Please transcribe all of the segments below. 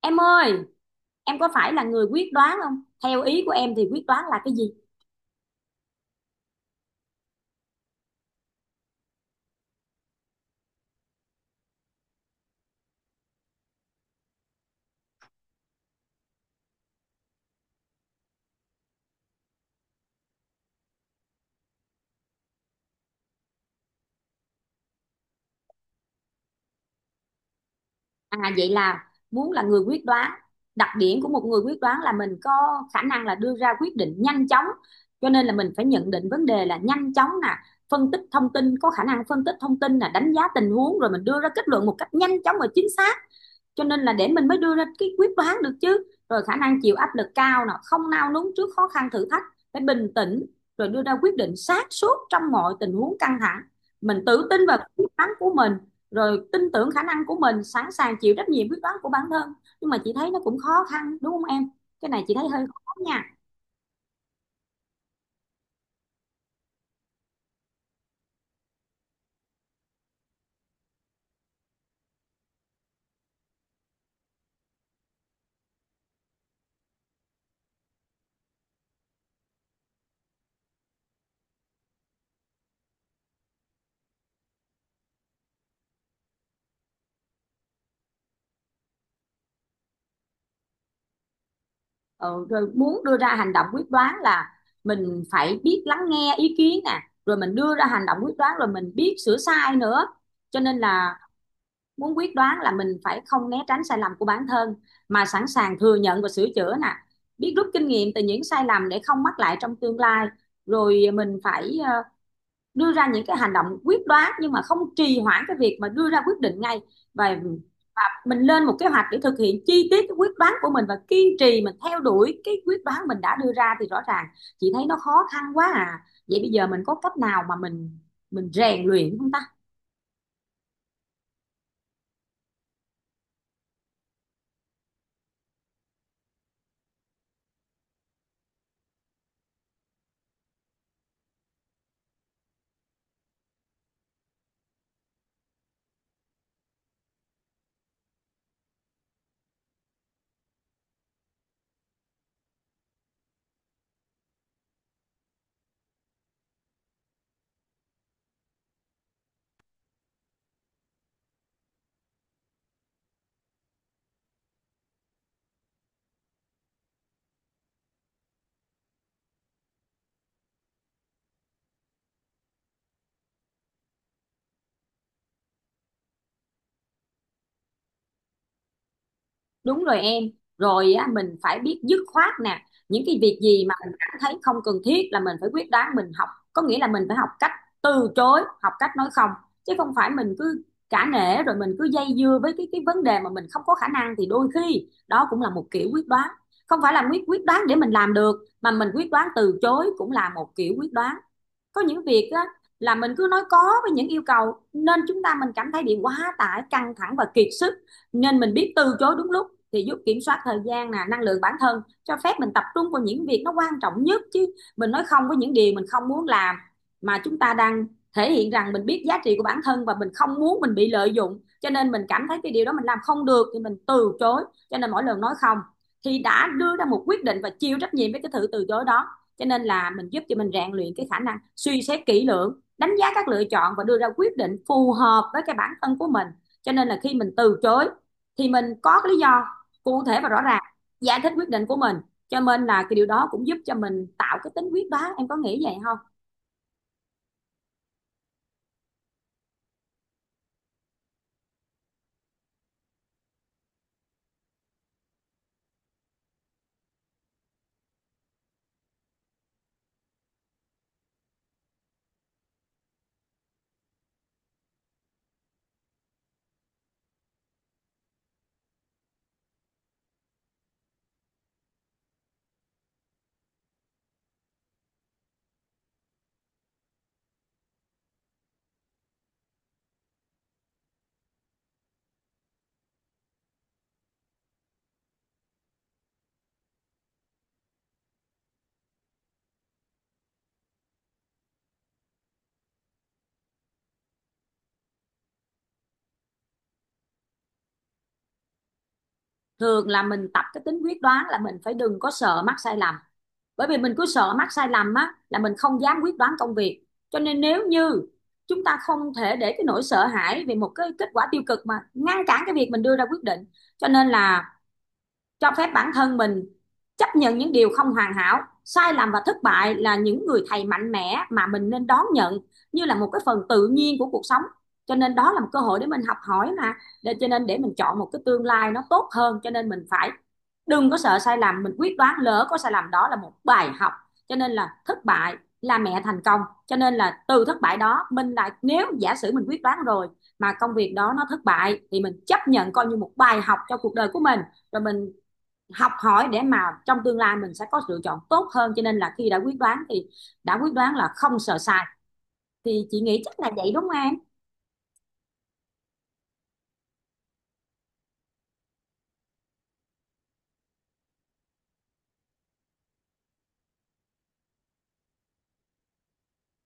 Em ơi, em có phải là người quyết đoán không? Theo ý của em thì quyết đoán là cái gì? À vậy là muốn là người quyết đoán. Đặc điểm của một người quyết đoán là mình có khả năng là đưa ra quyết định nhanh chóng. Cho nên là mình phải nhận định vấn đề là nhanh chóng nè, phân tích thông tin, có khả năng phân tích thông tin nè, đánh giá tình huống rồi mình đưa ra kết luận một cách nhanh chóng và chính xác, cho nên là để mình mới đưa ra cái quyết đoán được chứ. Rồi khả năng chịu áp lực cao nè, không nao núng trước khó khăn thử thách, phải bình tĩnh rồi đưa ra quyết định sáng suốt trong mọi tình huống căng thẳng, mình tự tin vào quyết đoán của mình, rồi tin tưởng khả năng của mình, sẵn sàng chịu trách nhiệm quyết đoán của bản thân. Nhưng mà chị thấy nó cũng khó khăn đúng không em? Cái này chị thấy hơi khó nha. Ừ, rồi muốn đưa ra hành động quyết đoán là mình phải biết lắng nghe ý kiến nè, rồi mình đưa ra hành động quyết đoán, rồi mình biết sửa sai nữa. Cho nên là muốn quyết đoán là mình phải không né tránh sai lầm của bản thân, mà sẵn sàng thừa nhận và sửa chữa nè, biết rút kinh nghiệm từ những sai lầm để không mắc lại trong tương lai. Rồi mình phải đưa ra những cái hành động quyết đoán nhưng mà không trì hoãn cái việc mà đưa ra quyết định ngay, và mình lên một kế hoạch để thực hiện chi tiết cái quyết đoán của mình và kiên trì mình theo đuổi cái quyết đoán mình đã đưa ra, thì rõ ràng chị thấy nó khó khăn quá à. Vậy bây giờ mình có cách nào mà mình rèn luyện không ta? Đúng rồi em, rồi á, mình phải biết dứt khoát nè, những cái việc gì mà mình cảm thấy không cần thiết là mình phải quyết đoán, mình học, có nghĩa là mình phải học cách từ chối, học cách nói không, chứ không phải mình cứ cả nể rồi mình cứ dây dưa với cái vấn đề mà mình không có khả năng, thì đôi khi đó cũng là một kiểu quyết đoán, không phải là quyết quyết đoán để mình làm được, mà mình quyết đoán từ chối cũng là một kiểu quyết đoán. Có những việc á là mình cứ nói có với những yêu cầu, nên chúng ta mình cảm thấy bị quá tải, căng thẳng và kiệt sức, nên mình biết từ chối đúng lúc thì giúp kiểm soát thời gian nè, năng lượng bản thân, cho phép mình tập trung vào những việc nó quan trọng nhất chứ. Mình nói không với những điều mình không muốn làm, mà chúng ta đang thể hiện rằng mình biết giá trị của bản thân và mình không muốn mình bị lợi dụng, cho nên mình cảm thấy cái điều đó mình làm không được thì mình từ chối. Cho nên mỗi lần nói không thì đã đưa ra một quyết định và chịu trách nhiệm với cái sự từ chối đó, cho nên là mình giúp cho mình rèn luyện cái khả năng suy xét kỹ lưỡng, đánh giá các lựa chọn và đưa ra quyết định phù hợp với cái bản thân của mình. Cho nên là khi mình từ chối thì mình có cái lý do cụ thể và rõ ràng giải thích quyết định của mình, cho nên là cái điều đó cũng giúp cho mình tạo cái tính quyết đoán, em có nghĩ vậy không? Thường là mình tập cái tính quyết đoán là mình phải đừng có sợ mắc sai lầm, bởi vì mình cứ sợ mắc sai lầm á là mình không dám quyết đoán công việc. Cho nên nếu như chúng ta không thể để cái nỗi sợ hãi về một cái kết quả tiêu cực mà ngăn cản cái việc mình đưa ra quyết định, cho nên là cho phép bản thân mình chấp nhận những điều không hoàn hảo, sai lầm và thất bại là những người thầy mạnh mẽ mà mình nên đón nhận như là một cái phần tự nhiên của cuộc sống. Cho nên đó là một cơ hội để mình học hỏi, mà để cho nên để mình chọn một cái tương lai nó tốt hơn, cho nên mình phải đừng có sợ sai lầm, mình quyết đoán lỡ có sai lầm đó là một bài học, cho nên là thất bại là mẹ thành công. Cho nên là từ thất bại đó mình lại, nếu giả sử mình quyết đoán rồi mà công việc đó nó thất bại, thì mình chấp nhận coi như một bài học cho cuộc đời của mình, rồi mình học hỏi để mà trong tương lai mình sẽ có lựa chọn tốt hơn. Cho nên là khi đã quyết đoán thì đã quyết đoán là không sợ sai, thì chị nghĩ chắc là vậy đúng không em?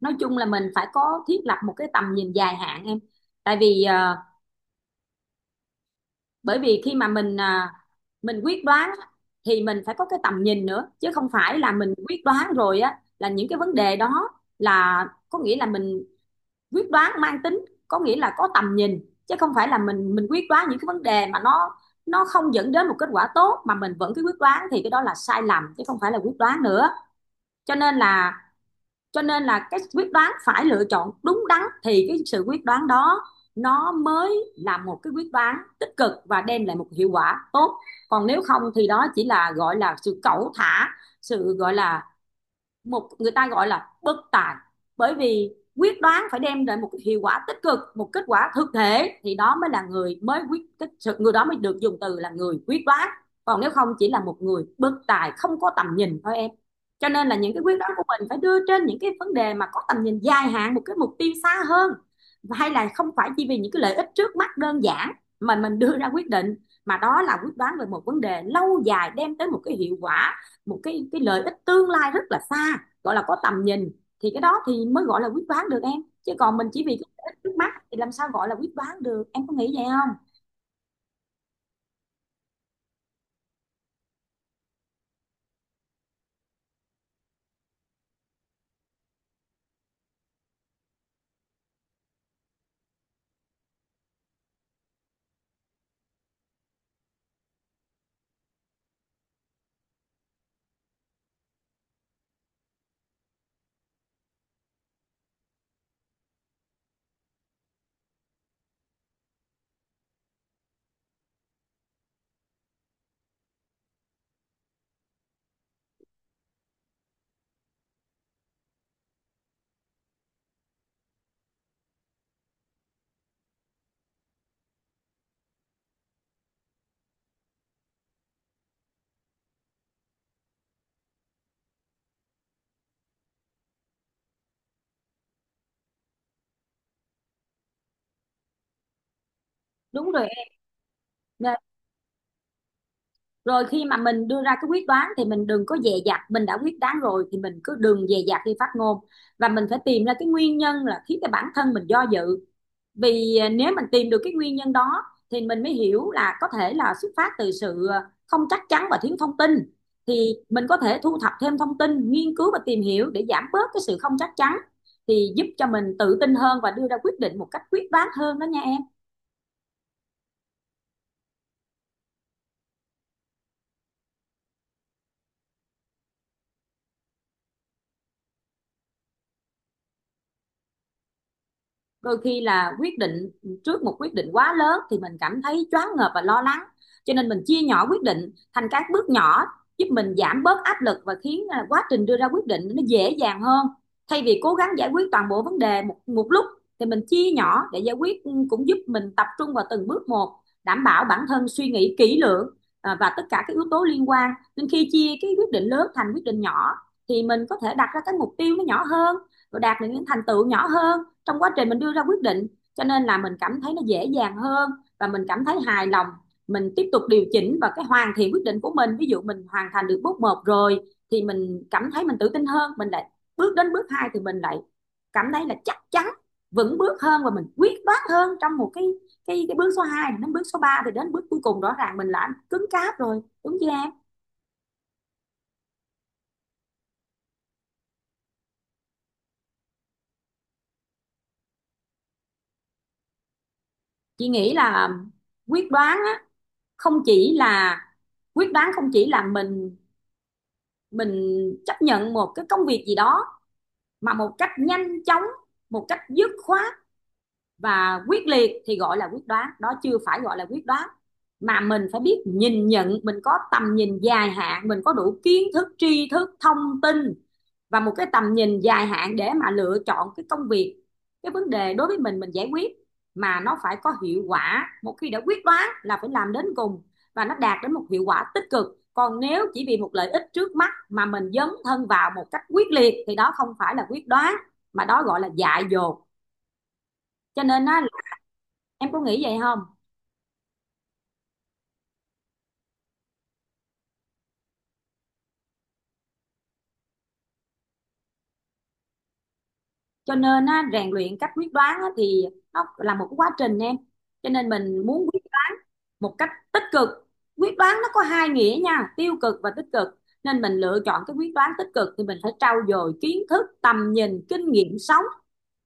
Nói chung là mình phải có thiết lập một cái tầm nhìn dài hạn em, tại vì bởi vì khi mà mình, mình quyết đoán á, thì mình phải có cái tầm nhìn nữa, chứ không phải là mình quyết đoán rồi á là những cái vấn đề đó, là có nghĩa là mình quyết đoán mang tính, có nghĩa là có tầm nhìn, chứ không phải là mình quyết đoán những cái vấn đề mà nó không dẫn đến một kết quả tốt mà mình vẫn cứ quyết đoán, thì cái đó là sai lầm chứ không phải là quyết đoán nữa. Cho nên là cho nên là cái quyết đoán phải lựa chọn đúng đắn thì cái sự quyết đoán đó nó mới là một cái quyết đoán tích cực và đem lại một hiệu quả tốt. Còn nếu không thì đó chỉ là gọi là sự cẩu thả, sự gọi là, một người ta gọi là bất tài, bởi vì quyết đoán phải đem lại một hiệu quả tích cực, một kết quả thực thể, thì đó mới là người mới quyết tích sự, người đó mới được dùng từ là người quyết đoán. Còn nếu không chỉ là một người bất tài không có tầm nhìn thôi em. Cho nên là những cái quyết đoán của mình phải đưa trên những cái vấn đề mà có tầm nhìn dài hạn, một cái mục tiêu xa hơn, hay là không phải chỉ vì những cái lợi ích trước mắt đơn giản mà mình đưa ra quyết định, mà đó là quyết đoán về một vấn đề lâu dài, đem tới một cái hiệu quả, một cái lợi ích tương lai rất là xa, gọi là có tầm nhìn, thì cái đó thì mới gọi là quyết đoán được em, chứ còn mình chỉ vì cái lợi ích trước mắt thì làm sao gọi là quyết đoán được, em có nghĩ vậy không? Đúng rồi em, rồi khi mà mình đưa ra cái quyết đoán thì mình đừng có dè dặt, mình đã quyết đoán rồi thì mình cứ đừng dè dặt khi phát ngôn, và mình phải tìm ra cái nguyên nhân là khiến cái bản thân mình do dự. Vì nếu mình tìm được cái nguyên nhân đó thì mình mới hiểu là có thể là xuất phát từ sự không chắc chắn và thiếu thông tin, thì mình có thể thu thập thêm thông tin, nghiên cứu và tìm hiểu để giảm bớt cái sự không chắc chắn, thì giúp cho mình tự tin hơn và đưa ra quyết định một cách quyết đoán hơn đó nha em. Đôi khi là quyết định, trước một quyết định quá lớn thì mình cảm thấy choáng ngợp và lo lắng, cho nên mình chia nhỏ quyết định thành các bước nhỏ, giúp mình giảm bớt áp lực và khiến quá trình đưa ra quyết định nó dễ dàng hơn. Thay vì cố gắng giải quyết toàn bộ vấn đề một một lúc, thì mình chia nhỏ để giải quyết, ừ, cũng giúp mình tập trung vào từng bước một, đảm bảo bản thân suy nghĩ kỹ lưỡng và tất cả các yếu tố liên quan. Nên khi chia cái quyết định lớn thành quyết định nhỏ thì mình có thể đặt ra cái mục tiêu nó nhỏ hơn và đạt được những thành tựu nhỏ hơn trong quá trình mình đưa ra quyết định, cho nên là mình cảm thấy nó dễ dàng hơn và mình cảm thấy hài lòng. Mình tiếp tục điều chỉnh và cái hoàn thiện quyết định của mình, ví dụ mình hoàn thành được bước một rồi thì mình cảm thấy mình tự tin hơn, mình lại bước đến bước hai thì mình lại cảm thấy là chắc chắn, vững bước hơn và mình quyết đoán hơn trong một cái bước số 2 đến bước số ba, thì đến bước cuối cùng rõ ràng mình đã cứng cáp rồi, đúng chưa em? Chị nghĩ là quyết đoán á, không chỉ là, quyết đoán không chỉ là mình chấp nhận một cái công việc gì đó mà một cách nhanh chóng, một cách dứt khoát và quyết liệt thì gọi là quyết đoán, đó chưa phải gọi là quyết đoán, mà mình phải biết nhìn nhận, mình có tầm nhìn dài hạn, mình có đủ kiến thức, tri thức, thông tin và một cái tầm nhìn dài hạn để mà lựa chọn cái công việc, cái vấn đề đối với mình giải quyết mà nó phải có hiệu quả, một khi đã quyết đoán là phải làm đến cùng và nó đạt đến một hiệu quả tích cực. Còn nếu chỉ vì một lợi ích trước mắt mà mình dấn thân vào một cách quyết liệt thì đó không phải là quyết đoán, mà đó gọi là dại dột. Cho nên á, em có nghĩ vậy không? Cho nên á, rèn luyện cách quyết đoán á, thì nó là một cái quá trình em, cho nên mình muốn quyết một cách tích cực, quyết đoán nó có hai nghĩa nha, tiêu cực và tích cực, nên mình lựa chọn cái quyết đoán tích cực thì mình phải trau dồi kiến thức, tầm nhìn, kinh nghiệm sống,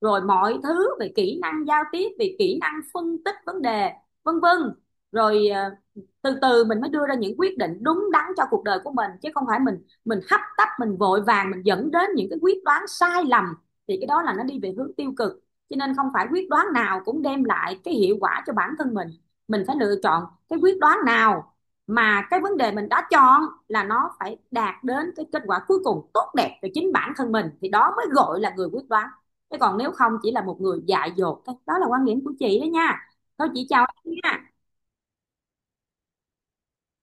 rồi mọi thứ về kỹ năng giao tiếp, về kỹ năng phân tích vấn đề, vân vân. Rồi từ từ mình mới đưa ra những quyết định đúng đắn cho cuộc đời của mình, chứ không phải mình hấp tấp, mình vội vàng, mình dẫn đến những cái quyết đoán sai lầm, thì cái đó là nó đi về hướng tiêu cực. Cho nên không phải quyết đoán nào cũng đem lại cái hiệu quả cho bản thân mình phải lựa chọn cái quyết đoán nào mà cái vấn đề mình đã chọn là nó phải đạt đến cái kết quả cuối cùng tốt đẹp cho chính bản thân mình, thì đó mới gọi là người quyết đoán, chứ còn nếu không chỉ là một người dại dột thôi. Đó là quan điểm của chị đó nha. Thôi chị chào em nha.